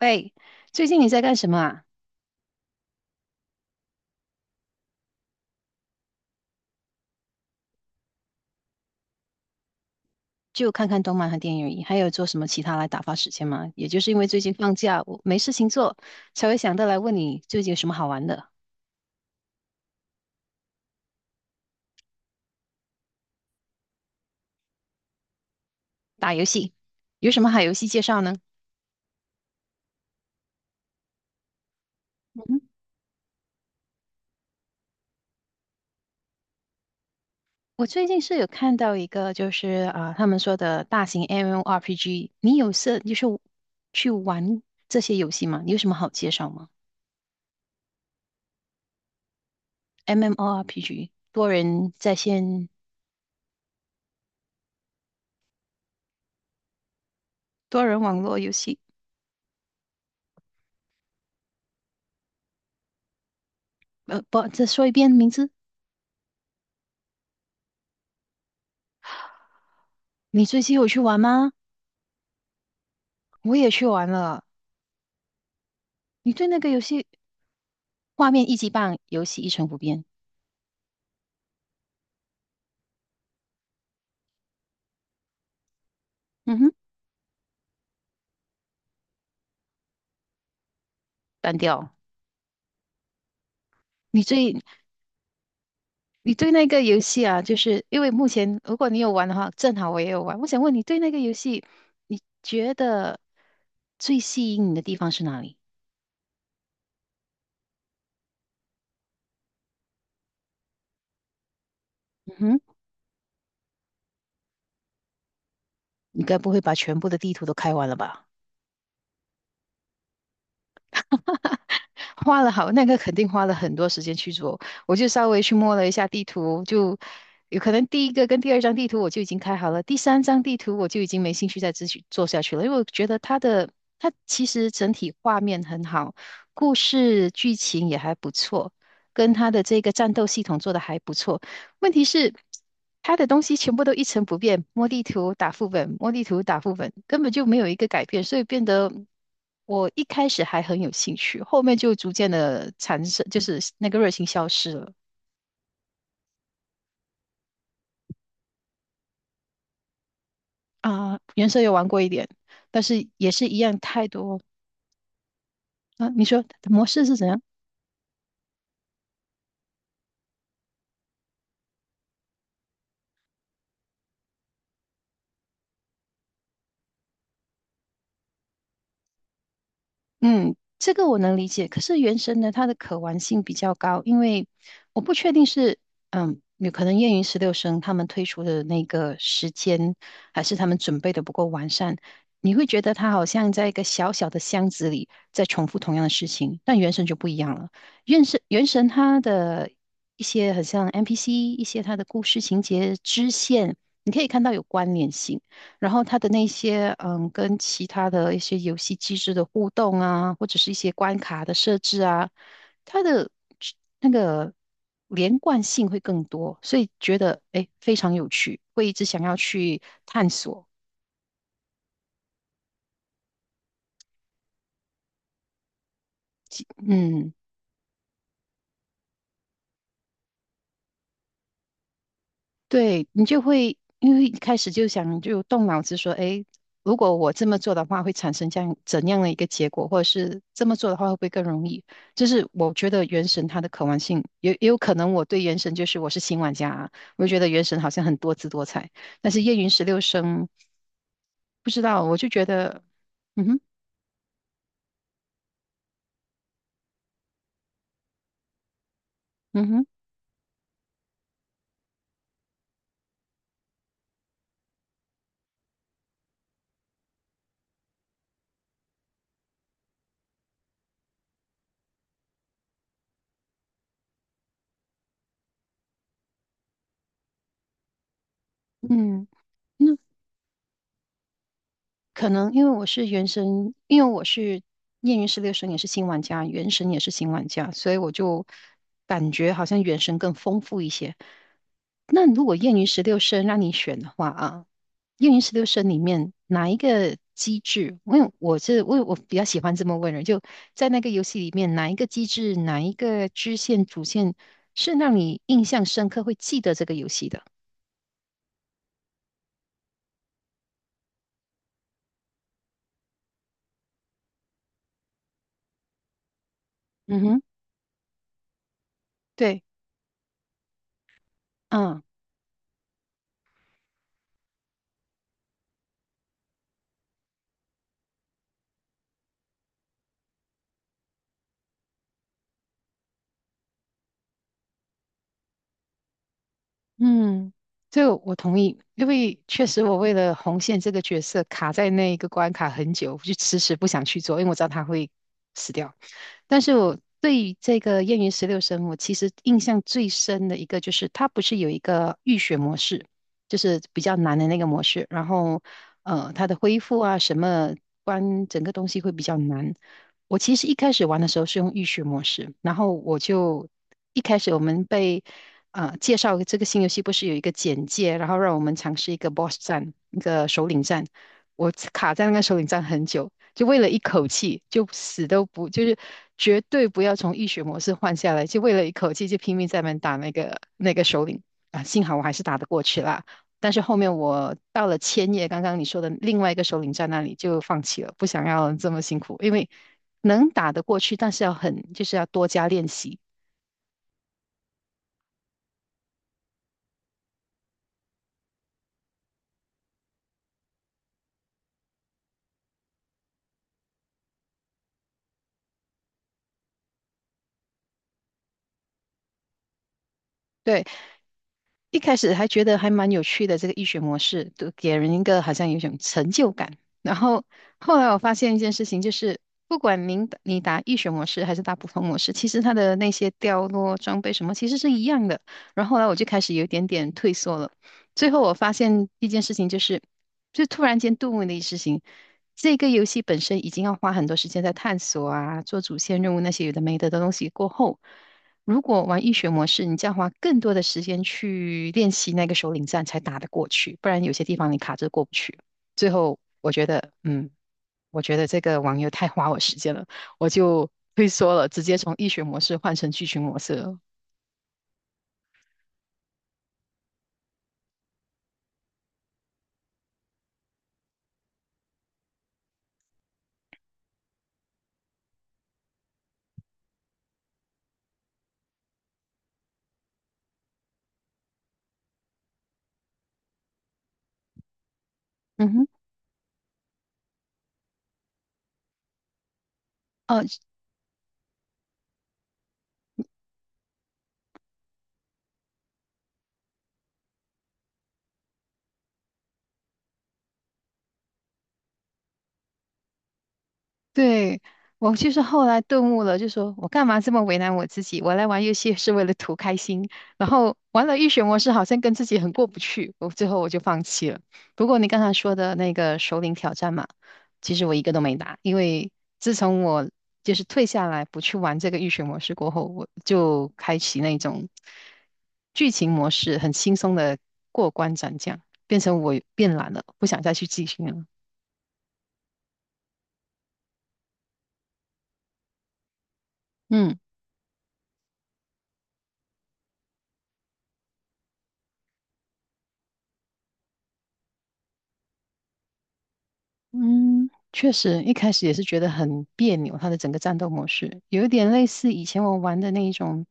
喂，最近你在干什么啊？就看看动漫和电影而已，还有做什么其他来打发时间吗？也就是因为最近放假，我没事情做，才会想到来问你最近有什么好玩的。打游戏，有什么好游戏介绍呢？嗯，我最近是有看到一个，他们说的大型 MMORPG，你有涉去玩这些游戏吗？你有什么好介绍吗？MMORPG 多人在线多人网络游戏，不，再说一遍名字，你最近有去玩吗？我也去玩了。你对那个游戏画面一级棒，游戏一成不变。嗯哼，单调。你对你对那个游戏啊，就是因为目前如果你有玩的话，正好我也有玩。我想问你对那个游戏，你觉得最吸引你的地方是哪里？嗯哼，你该不会把全部的地图都开完了吧？花了好，那个肯定花了很多时间去做。我就稍微去摸了一下地图，就有可能第一个跟第二张地图我就已经开好了，第三张地图我就已经没兴趣再继续做下去了，因为我觉得它其实整体画面很好，故事剧情也还不错，跟它的这个战斗系统做得还不错。问题是，他的东西全部都一成不变，摸地图打副本，摸地图打副本，根本就没有一个改变，所以变得我一开始还很有兴趣，后面就逐渐的产生，就是那个热情消失了啊。原神有玩过一点，但是也是一样太多啊。你说模式是怎样？嗯，这个我能理解。可是原神呢，它的可玩性比较高，因为我不确定是嗯，有可能燕云十六声他们推出的那个时间，还是他们准备的不够完善。你会觉得它好像在一个小小的箱子里在重复同样的事情，但原神就不一样了。原神它的一些很像 NPC,一些它的故事情节支线，你可以看到有关联性。然后它的那些嗯，跟其他的一些游戏机制的互动啊，或者是一些关卡的设置啊，它的去那个连贯性会更多，所以觉得诶非常有趣，会一直想要去探索。嗯。对，你就会因为一开始就想就动脑子说，诶，如果我这么做的话，会产生这样怎样的一个结果，或者是这么做的话会不会更容易？就是我觉得原神它的可玩性，也有可能我对原神就是我是新玩家啊，我就觉得原神好像很多姿多彩，但是夜云十六声不知道，我就觉得，嗯哼，嗯哼，嗯。可能因为我是原神，因为我是《燕云十六神》也是新玩家，《原神》也是新玩家，所以我就感觉好像《原神》更丰富一些。那如果《燕云十六声》让你选的话啊，《燕云十六声》里面哪一个机制？因为我是我我比较喜欢这么问人，就在那个游戏里面，哪一个机制，哪一个支线、主线是让你印象深刻，会记得这个游戏的？嗯哼，对，嗯。嗯，这个我同意，因为确实我为了红线这个角色卡在那一个关卡很久，我就迟迟不想去做，因为我知道他会死掉。但是我对于这个燕云十六声》我其实印象最深的一个就是，它不是有一个浴血模式，就是比较难的那个模式，然后它的恢复啊，什么关整个东西会比较难。我其实一开始玩的时候是用浴血模式，然后我就一开始我们被介绍这个新游戏，不是有一个简介，然后让我们尝试一个 boss 战，一个首领战，我卡在那个首领战很久。就为了一口气，就死都不，就是绝对不要从浴血模式换下来，就为了一口气就拼命在那边打那个首领啊，幸好我还是打得过去啦。但是后面我到了千叶，刚刚你说的另外一个首领在那里就放弃了，不想要这么辛苦，因为能打得过去，但是要很就是要多加练习。对，一开始还觉得还蛮有趣的这个医学模式，都给人一个好像有一种成就感。然后后来我发现一件事情，就是不管您打医学模式还是打普通模式，其实它的那些掉落装备什么其实是一样的。然后后来我就开始有一点点退缩了。最后我发现一件事情，就是就突然间顿悟的一事情，这个游戏本身已经要花很多时间在探索啊，做主线任务那些有的没的的东西过后。如果玩易学模式，你就要花更多的时间去练习那个首领战才打得过去，不然有些地方你卡着过不去。最后，我觉得，嗯，我觉得这个网游太花我时间了，我就退缩了，直接从易学模式换成剧情模式了。嗯哼，呃，对，我就是后来顿悟了，就说我干嘛这么为难我自己？我来玩游戏是为了图开心，然后玩了预血模式，好像跟自己很过不去，我最后就放弃了。不过你刚才说的那个首领挑战嘛，其实我一个都没打，因为自从我就是退下来不去玩这个预血模式过后，我就开启那种剧情模式，很轻松的过关斩将，变成我变懒了，不想再去继续了。嗯。嗯，确实，一开始也是觉得很别扭，它的整个战斗模式有一点类似以前我玩的那一种，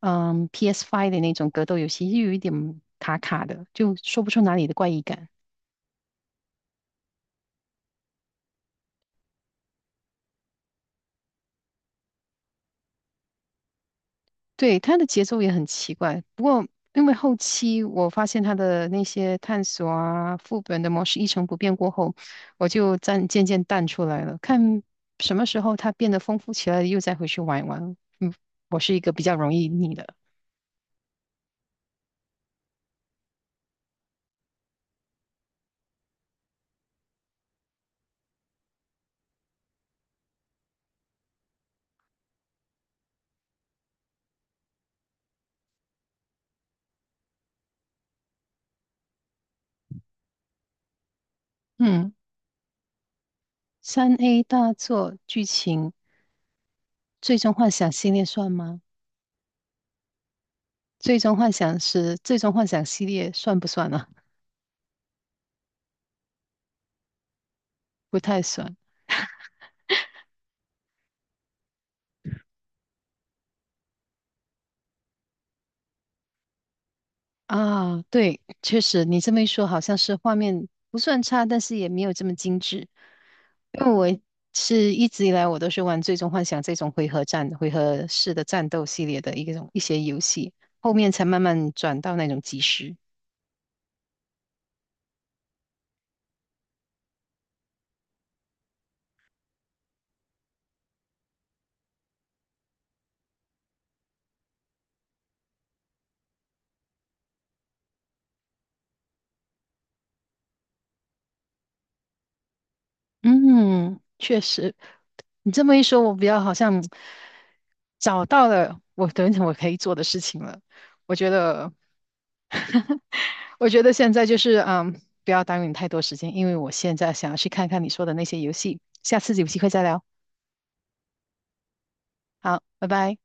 嗯 PS5 的那种格斗游戏，又有一点卡卡的，就说不出哪里的怪异感。对，它的节奏也很奇怪，不过因为后期我发现它的那些探索啊、副本的模式一成不变过后，我就暂渐渐淡出来了。看什么时候它变得丰富起来，又再回去玩一玩。嗯，我是一个比较容易腻的。嗯。3A 大作剧情《最终幻想》系列算吗？《最终幻想》是《最终幻想》系列算不算啊？不太算啊。对，确实你这么一说，好像是画面不算差，但是也没有这么精致。因为一直以来我都是玩《最终幻想》这种回合战、回合式的战斗系列的一个种一些游戏，后面才慢慢转到那种即时。嗯，确实，你这么一说，我比较好像找到了我等一等我可以做的事情了。我觉得，我觉得现在就是嗯，不要耽误你太多时间，因为我现在想要去看看你说的那些游戏。下次有机会再聊。好，拜拜。